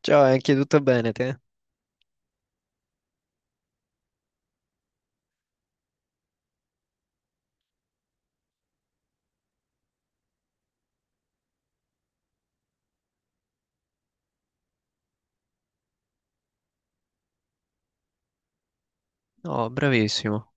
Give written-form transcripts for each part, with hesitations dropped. Ciao, anche tutto bene te? No, bravissimo.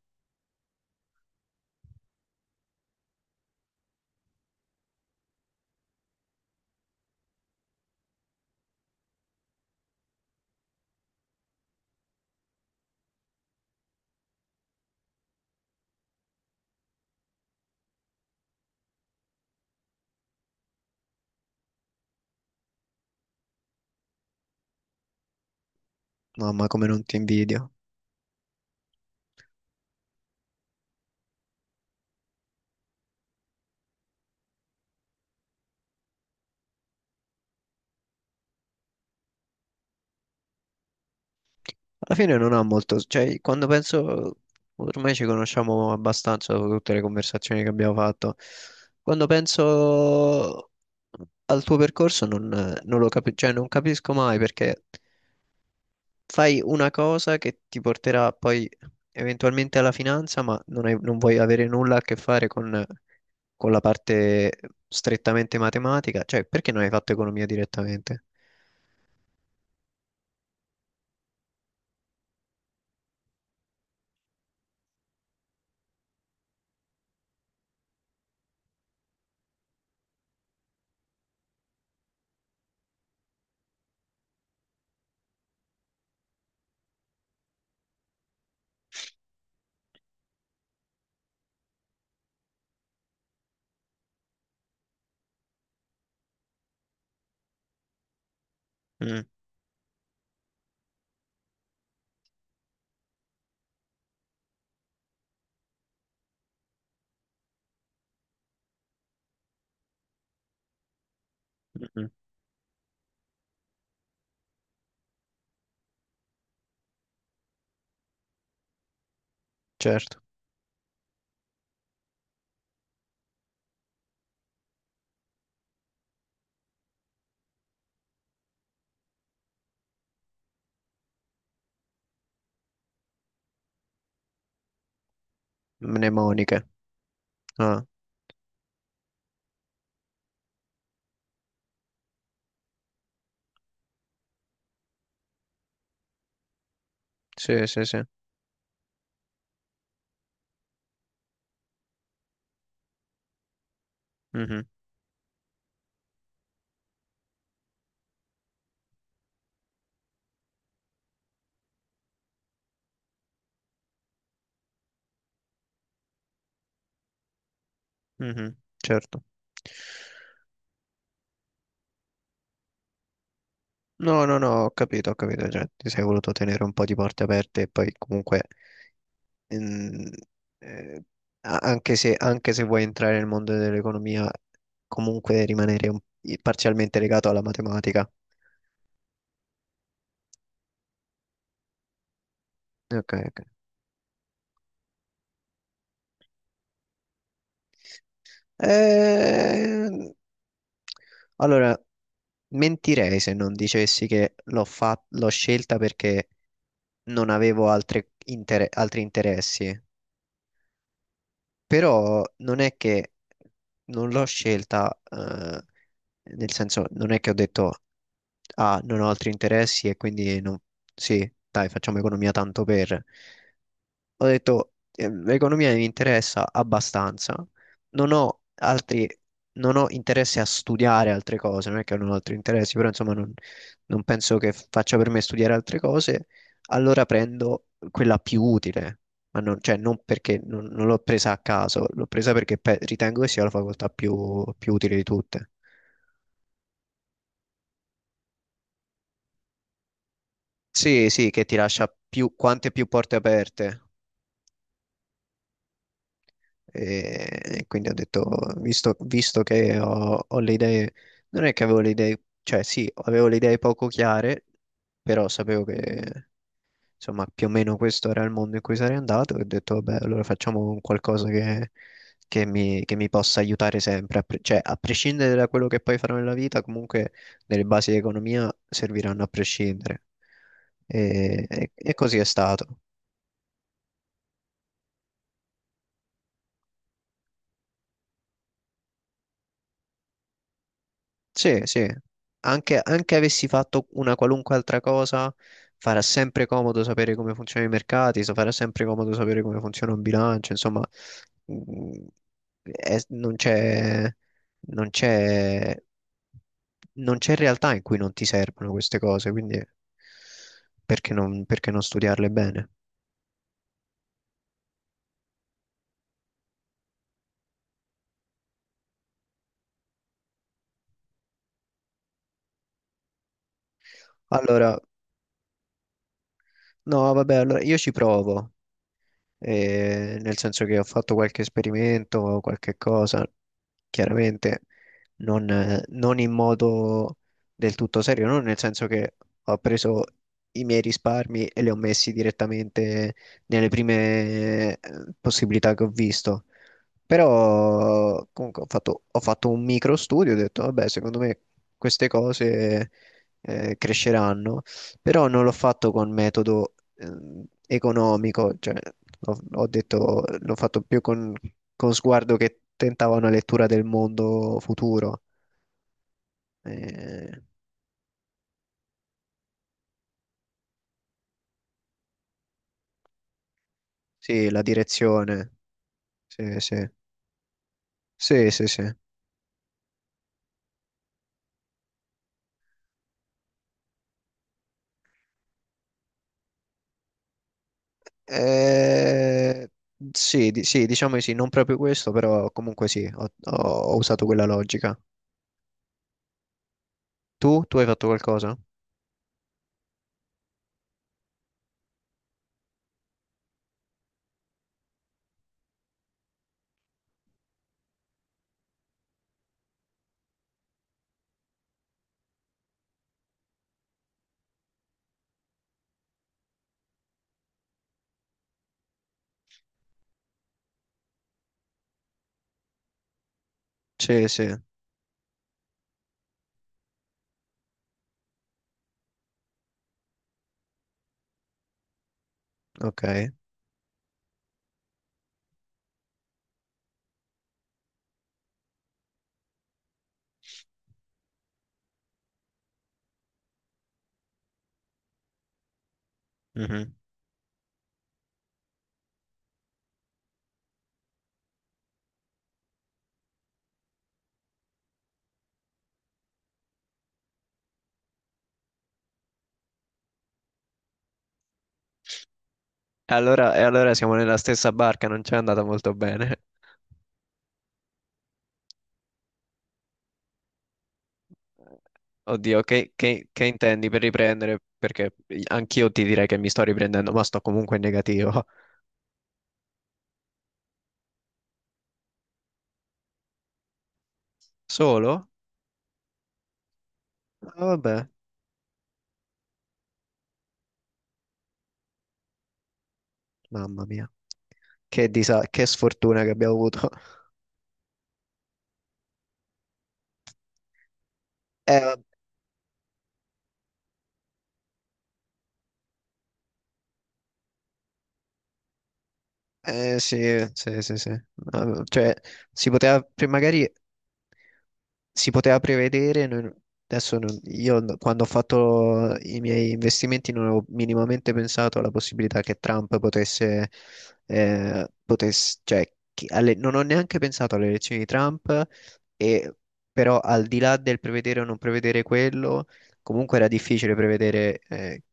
Mamma, come non ti invidio. Alla fine non ha molto, cioè, quando penso, ormai ci conosciamo abbastanza dopo tutte le conversazioni che abbiamo fatto. Quando penso al tuo percorso non lo capisco, cioè, non capisco mai perché fai una cosa che ti porterà poi eventualmente alla finanza, ma non vuoi avere nulla a che fare con la parte strettamente matematica. Cioè, perché non hai fatto economia direttamente? Mm. Mm. Certo. Mnemoniche. Ah, sì, sì, sì. Mhm. Mhm. Certo. No, no, no, ho capito, ho capito. Cioè, ti sei voluto tenere un po' di porte aperte e poi comunque, mm, eh, anche se vuoi entrare nel mondo dell'economia, comunque rimanere parzialmente legato alla matematica. Ok, ok. Eh, allora, mentirei se non dicessi che l'ho scelta perché non avevo altri interessi, però non è che non l'ho scelta, nel senso non è che ho detto, ah, non ho altri interessi e quindi sì, dai, facciamo economia tanto per ho detto, l'economia mi interessa abbastanza, non ho altri, non ho interesse a studiare altre cose, non è che non ho altri interessi, però insomma non penso che faccia per me studiare altre cose, allora prendo quella più utile, ma non, cioè, non perché non l'ho presa a caso, l'ho presa perché ritengo che sia la facoltà più utile di tutte. Sì, sì, che ti lascia quante più porte aperte. E quindi ho detto, visto che ho le idee, non è che avevo le idee, cioè sì, avevo le idee poco chiare, però sapevo che insomma più o meno questo era il mondo in cui sarei andato e ho detto, vabbè, allora facciamo un qualcosa che mi possa aiutare sempre, cioè a prescindere da quello che poi farò nella vita, comunque delle basi di economia serviranno a prescindere. E così è stato. Sì, sì, anche avessi fatto una qualunque altra cosa, farà sempre comodo sapere come funzionano i mercati, farà sempre comodo sapere come funziona un bilancio, insomma, mm, è- non c'è, non c'è, non c'è realtà in cui non ti servono queste cose, quindi perché non studiarle bene? Allora, no, vabbè, allora io ci provo, nel senso che ho fatto qualche esperimento, qualche cosa, chiaramente non in modo del tutto serio, non nel senso che ho preso i miei risparmi e li ho messi direttamente nelle prime possibilità che ho visto, però comunque ho fatto un micro studio, ho detto, vabbè, secondo me queste cose cresceranno, però non l'ho fatto con metodo economico, cioè ho detto, l'ho fatto più con, sguardo che tentava una lettura del mondo futuro. Eh, sì, la direzione, sì, sì, sì, sì, sì. Eh, sì, sì, diciamo di sì, non proprio questo, però comunque sì, ho usato quella logica. Tu? Tu hai fatto qualcosa? Sì, sì, ok. Mhm. E allora siamo nella stessa barca, non ci è andata molto bene. Oddio, che intendi per riprendere? Perché anch'io ti direi che mi sto riprendendo, ma sto comunque in negativo. Solo? Ah, vabbè, mamma mia. Che sfortuna che abbiamo avuto. Eh sì, sì, sì, sì. Cioè, magari si poteva prevedere, noi- adesso non- io n- quando ho fatto i miei investimenti non avevo minimamente pensato alla possibilità che Trump potesse, cioè, non ho neanche pensato alle elezioni di Trump, e, però al di là del prevedere o non prevedere quello, comunque era difficile prevedere,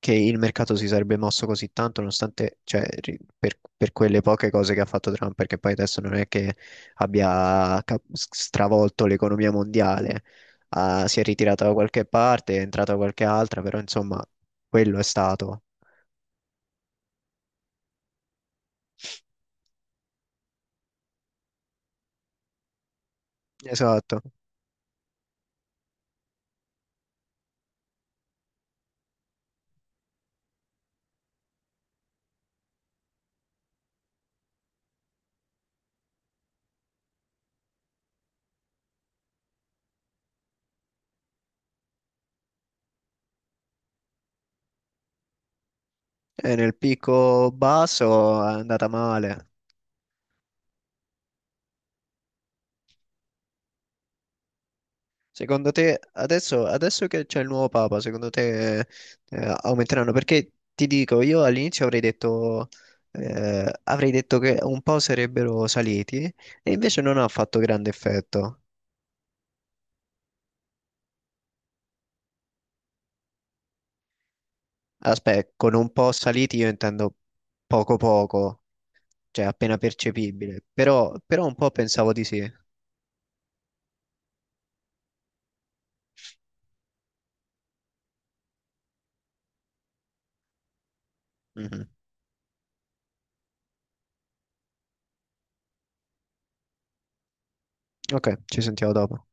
che il mercato si sarebbe mosso così tanto, nonostante, cioè, per quelle poche cose che ha fatto Trump, perché poi adesso non è che abbia stravolto l'economia mondiale, ah, si è ritirata da qualche parte, è entrata da qualche altra, però insomma, quello è stato. Esatto. E nel picco basso è andata male. Secondo te, adesso che c'è il nuovo Papa, secondo te aumenteranno? Perché ti dico, io all'inizio avrei detto, avrei detto, che un po' sarebbero saliti e invece non ha fatto grande effetto. Aspetta, con un po' saliti io intendo poco poco, cioè appena percepibile, però un po' pensavo di sì. Mhm. Ok, ci sentiamo dopo.